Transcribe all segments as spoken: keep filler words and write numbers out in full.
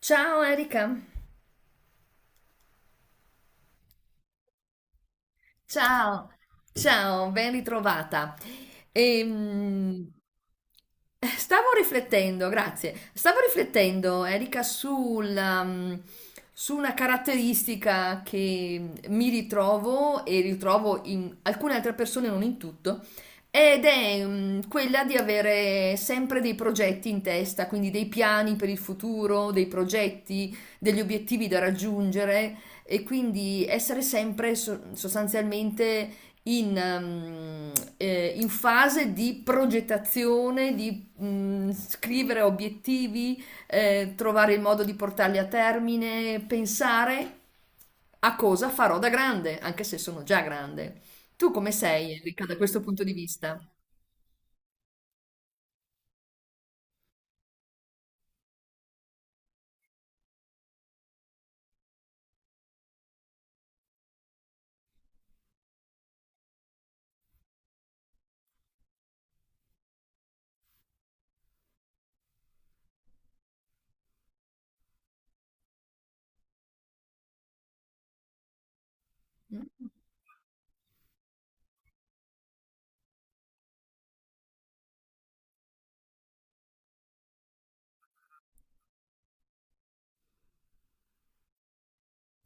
Ciao Erika, ciao, ciao, ben ritrovata. Ehm, Stavo riflettendo, grazie, stavo riflettendo Erika sul, um, su una caratteristica che mi ritrovo e ritrovo in alcune altre persone, non in tutto, ed è um, quella di avere sempre dei progetti in testa, quindi dei piani per il futuro, dei progetti, degli obiettivi da raggiungere. E quindi essere sempre so- sostanzialmente in, ehm, eh, in fase di progettazione, di mm, scrivere obiettivi, eh, trovare il modo di portarli a termine, pensare a cosa farò da grande, anche se sono già grande. Tu come sei, Enrica, da questo punto di vista?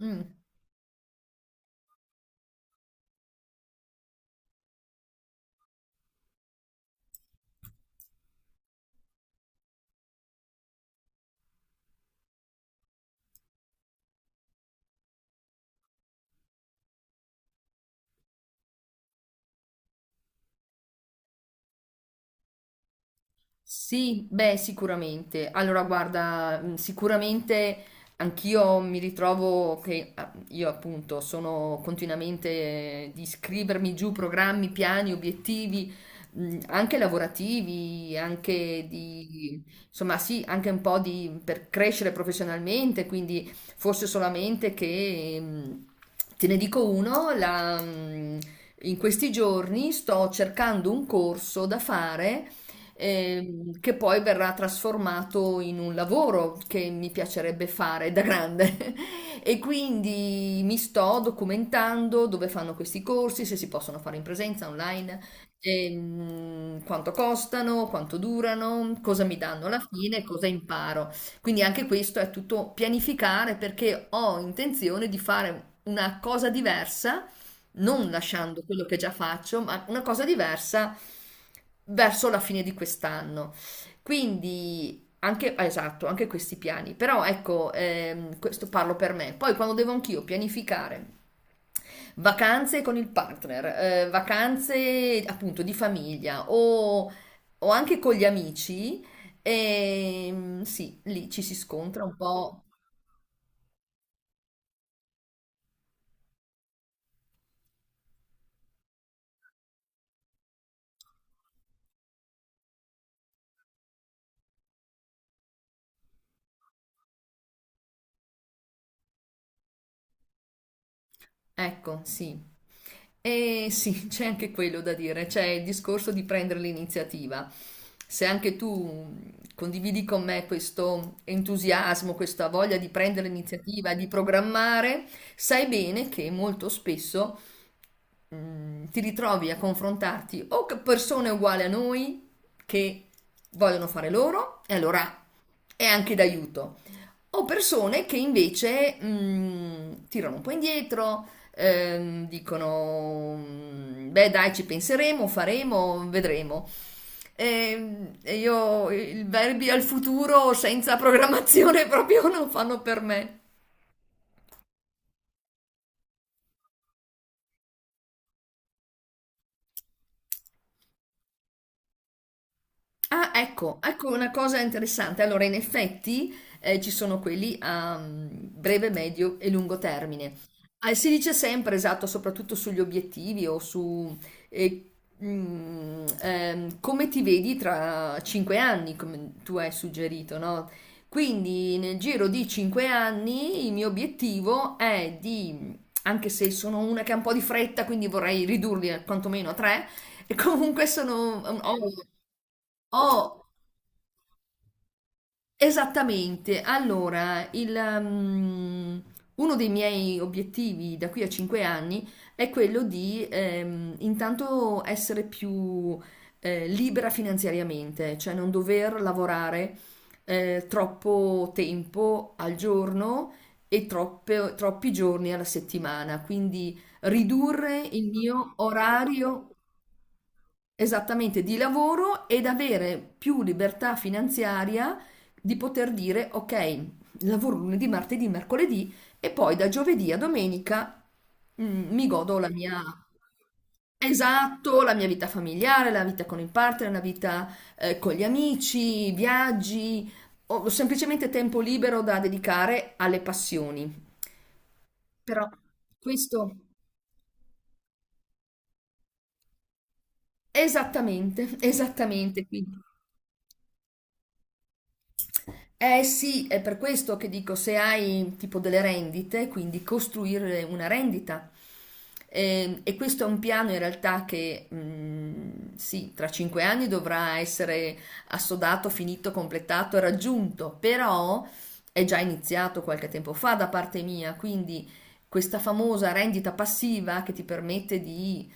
Mm. Sì, beh, sicuramente. Allora, guarda, mh, sicuramente anch'io mi ritrovo che ah, io appunto sono continuamente eh, di scrivermi giù programmi, piani, obiettivi, mh, anche lavorativi, anche di, insomma, sì, anche un po' di per crescere professionalmente, quindi forse solamente che mh, te ne dico uno, la, mh, in questi giorni sto cercando un corso da fare ehm, che poi verrà trasformato in un lavoro che mi piacerebbe fare da grande. E quindi mi sto documentando dove fanno questi corsi, se si possono fare in presenza, online, ehm, quanto costano, quanto durano, cosa mi danno alla fine, cosa imparo. Quindi anche questo è tutto pianificare, perché ho intenzione di fare una cosa diversa non lasciando quello che già faccio, ma una cosa diversa verso la fine di quest'anno. Quindi anche, ah, esatto, anche questi piani. Però ecco, ehm, questo parlo per me. Poi quando devo anch'io pianificare vacanze con il partner, eh, vacanze appunto di famiglia o, o anche con gli amici, ehm, sì, lì ci si scontra un po'. Ecco, sì. Eh sì, c'è anche quello da dire, c'è il discorso di prendere l'iniziativa. Se anche tu condividi con me questo entusiasmo, questa voglia di prendere l'iniziativa, di programmare, sai bene che molto spesso mm, ti ritrovi a confrontarti o con persone uguali a noi che vogliono fare loro, e allora è anche d'aiuto, o persone che invece mh, tirano un po' indietro, ehm, dicono, mh, beh dai, ci penseremo, faremo, vedremo. Ehm, E io i verbi al futuro senza programmazione proprio non fanno per me. Ah, ecco, ecco una cosa interessante. Allora, in effetti eh, ci sono quelli a mm, breve, medio e lungo termine. Eh, si dice sempre, esatto, soprattutto sugli obiettivi o su eh, mm, ehm, come ti vedi tra cinque anni, come tu hai suggerito, no? Quindi nel giro di cinque anni il mio obiettivo è di, anche se sono una che ha un po' di fretta, quindi vorrei ridurli a- quantomeno a tre, e comunque sono... ho- Oh, esattamente. Allora, il, um, uno dei miei obiettivi da qui a cinque anni è quello di ehm, intanto essere più eh, libera finanziariamente, cioè non dover lavorare eh, troppo tempo al giorno e troppe- troppi giorni alla settimana, quindi ridurre il mio orario. Esattamente, di lavoro ed avere più libertà finanziaria di poter dire ok, lavoro lunedì, martedì, mercoledì e poi da giovedì a domenica mm, mi godo la mia... Esatto, la mia vita familiare, la vita con il partner, la vita eh, con gli amici, viaggi, o semplicemente tempo libero da dedicare alle passioni. Però questo esattamente, esattamente, quindi. Eh sì, è per questo che dico, se hai tipo delle rendite, quindi costruire una rendita. Eh, e questo è un piano in realtà che mh, sì, tra cinque anni dovrà essere assodato, finito, completato e raggiunto, però è già iniziato qualche tempo fa da parte mia, quindi questa famosa rendita passiva che ti permette di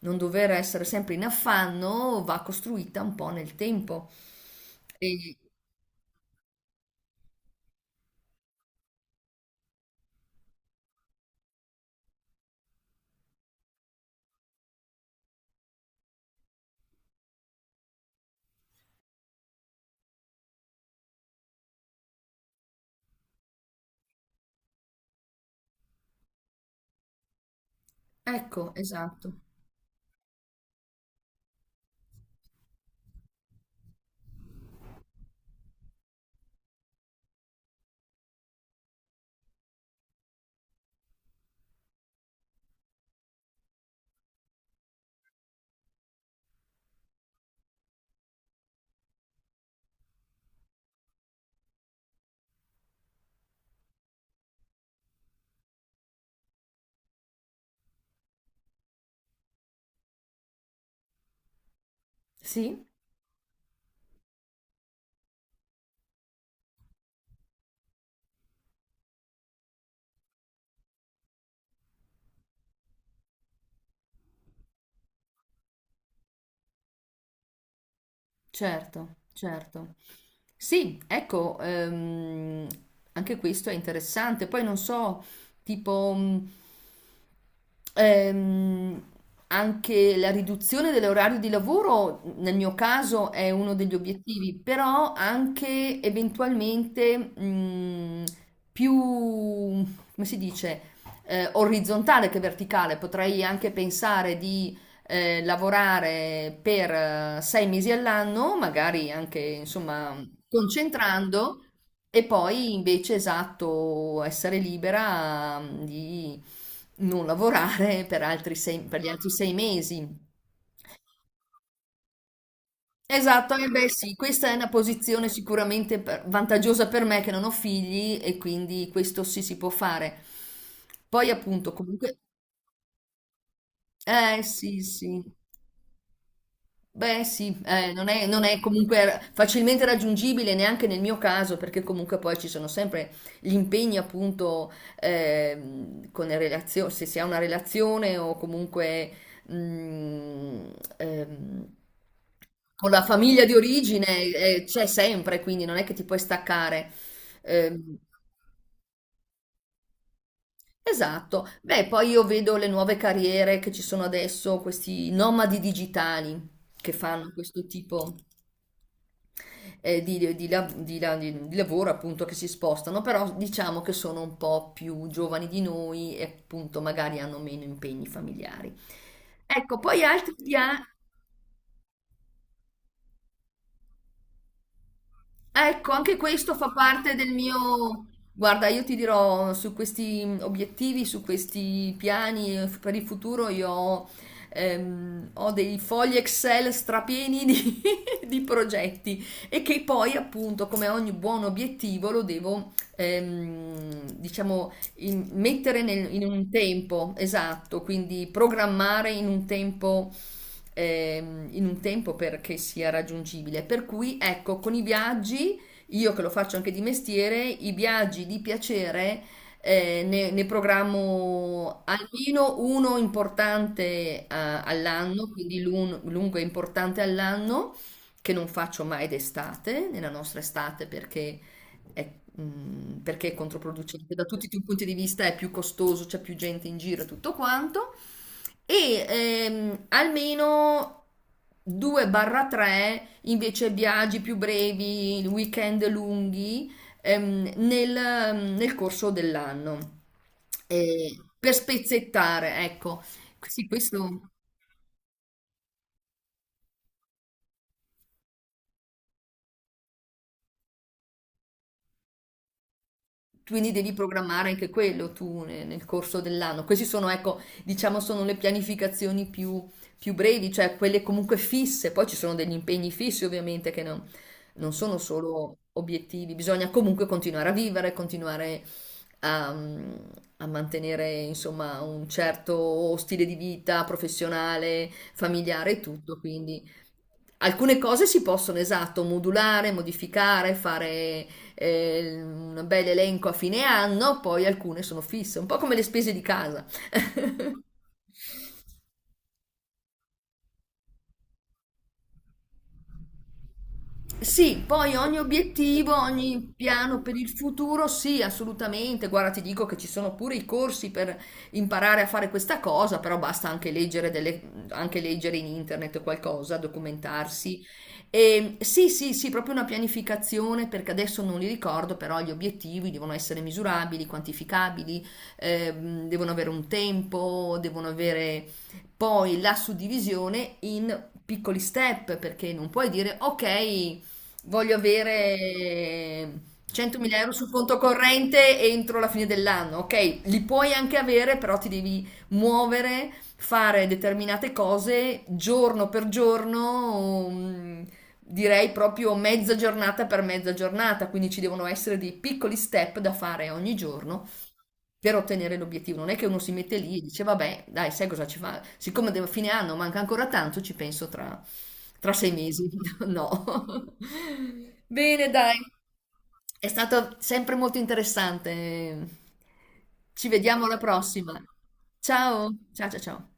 non dover essere sempre in affanno va costruita un po' nel tempo. E, ecco, esatto. Sì, certo, certo. Sì, ecco, ehm, anche questo è interessante. Poi non so, tipo, mh, ehm, anche la riduzione dell'orario di lavoro, nel mio caso, è uno degli obiettivi, però anche eventualmente, mh, più, come si dice, eh, orizzontale che verticale. Potrei anche pensare eh, lavorare per eh, sei mesi all'anno, magari anche insomma concentrando, e poi invece esatto, essere libera mm, di non lavorare per altri sei- per gli altri sei mesi. Esatto, eh beh sì, questa è una posizione sicuramente per- vantaggiosa per me che non ho figli e quindi questo sì si può fare. Poi appunto comunque, eh sì sì, beh sì, eh, non è, non è comunque facilmente raggiungibile neanche nel mio caso, perché comunque poi ci sono sempre gli impegni appunto ehm, con le relazioni, se si ha una relazione o comunque mm, ehm, con la famiglia di origine eh, c'è sempre, quindi non è che ti puoi staccare. Ehm, esatto. Beh, poi io vedo le nuove carriere che ci sono adesso, questi nomadi digitali che fanno questo tipo eh, di, di la- di la- di lavoro appunto, che si spostano, però diciamo che sono un po' più giovani di noi e appunto magari hanno meno impegni familiari. Ecco, poi altri, dia- ecco, anche questo fa parte del mio... Guarda, io ti dirò, su questi obiettivi, su questi piani eh, per il futuro, io ho, ehm, ho dei fogli Excel strapieni di, di progetti, e che poi, appunto, come ogni buon obiettivo, lo devo, ehm, diciamo, in- mettere nel- in un tempo, esatto, quindi programmare in un tempo, ehm, in un tempo perché sia raggiungibile. Per cui, ecco, con i viaggi, io che lo faccio anche di mestiere, i viaggi di piacere, eh, ne, ne programmo almeno uno importante, eh, all'anno, quindi l'un- lungo e importante all'anno, che non faccio mai d'estate, nella nostra estate, perché è- mm, perché è controproducente da tutti i punti di vista, è più costoso, c'è più gente in giro e tutto quanto. E ehm, almeno due tre invece viaggi più brevi, weekend lunghi ehm, nel, nel corso dell'anno. Eh, per spezzettare, ecco. Sì, questo. Quindi devi programmare anche quello tu ne- nel corso dell'anno. Questi sono, ecco, diciamo, sono le pianificazioni più, più brevi, cioè quelle comunque fisse. Poi ci sono degli impegni fissi, ovviamente, che non, non sono solo obiettivi. Bisogna comunque continuare a vivere, continuare a, a mantenere, insomma, un certo stile di vita professionale, familiare e tutto. Quindi alcune cose si possono, esatto, modulare, modificare, fare eh, un bel elenco a fine anno, poi alcune sono fisse, un po' come le spese di casa. Sì, poi ogni obiettivo, ogni piano per il futuro, sì, assolutamente. Guarda, ti dico che ci sono pure i corsi per imparare a fare questa cosa, però basta anche leggere, delle- anche leggere in internet qualcosa, documentarsi. E, sì, sì, sì, proprio una pianificazione, perché adesso non li ricordo, però gli obiettivi devono essere misurabili, quantificabili, ehm, devono avere un tempo, devono avere poi la suddivisione in piccoli step, perché non puoi dire, ok. Voglio avere centomila euro sul conto corrente entro la fine dell'anno. Ok, li puoi anche avere, però ti devi muovere, fare determinate cose giorno per giorno, mm, direi proprio mezza giornata per mezza giornata. Quindi ci devono essere dei piccoli step da fare ogni giorno per ottenere l'obiettivo. Non è che uno si mette lì e dice, vabbè, dai, sai cosa ci fa? Siccome devo- fine anno manca ancora tanto, ci penso tra, tra sei mesi. No. Bene, dai. È stato sempre molto interessante. Ci vediamo alla prossima. Ciao, ciao, ciao, ciao.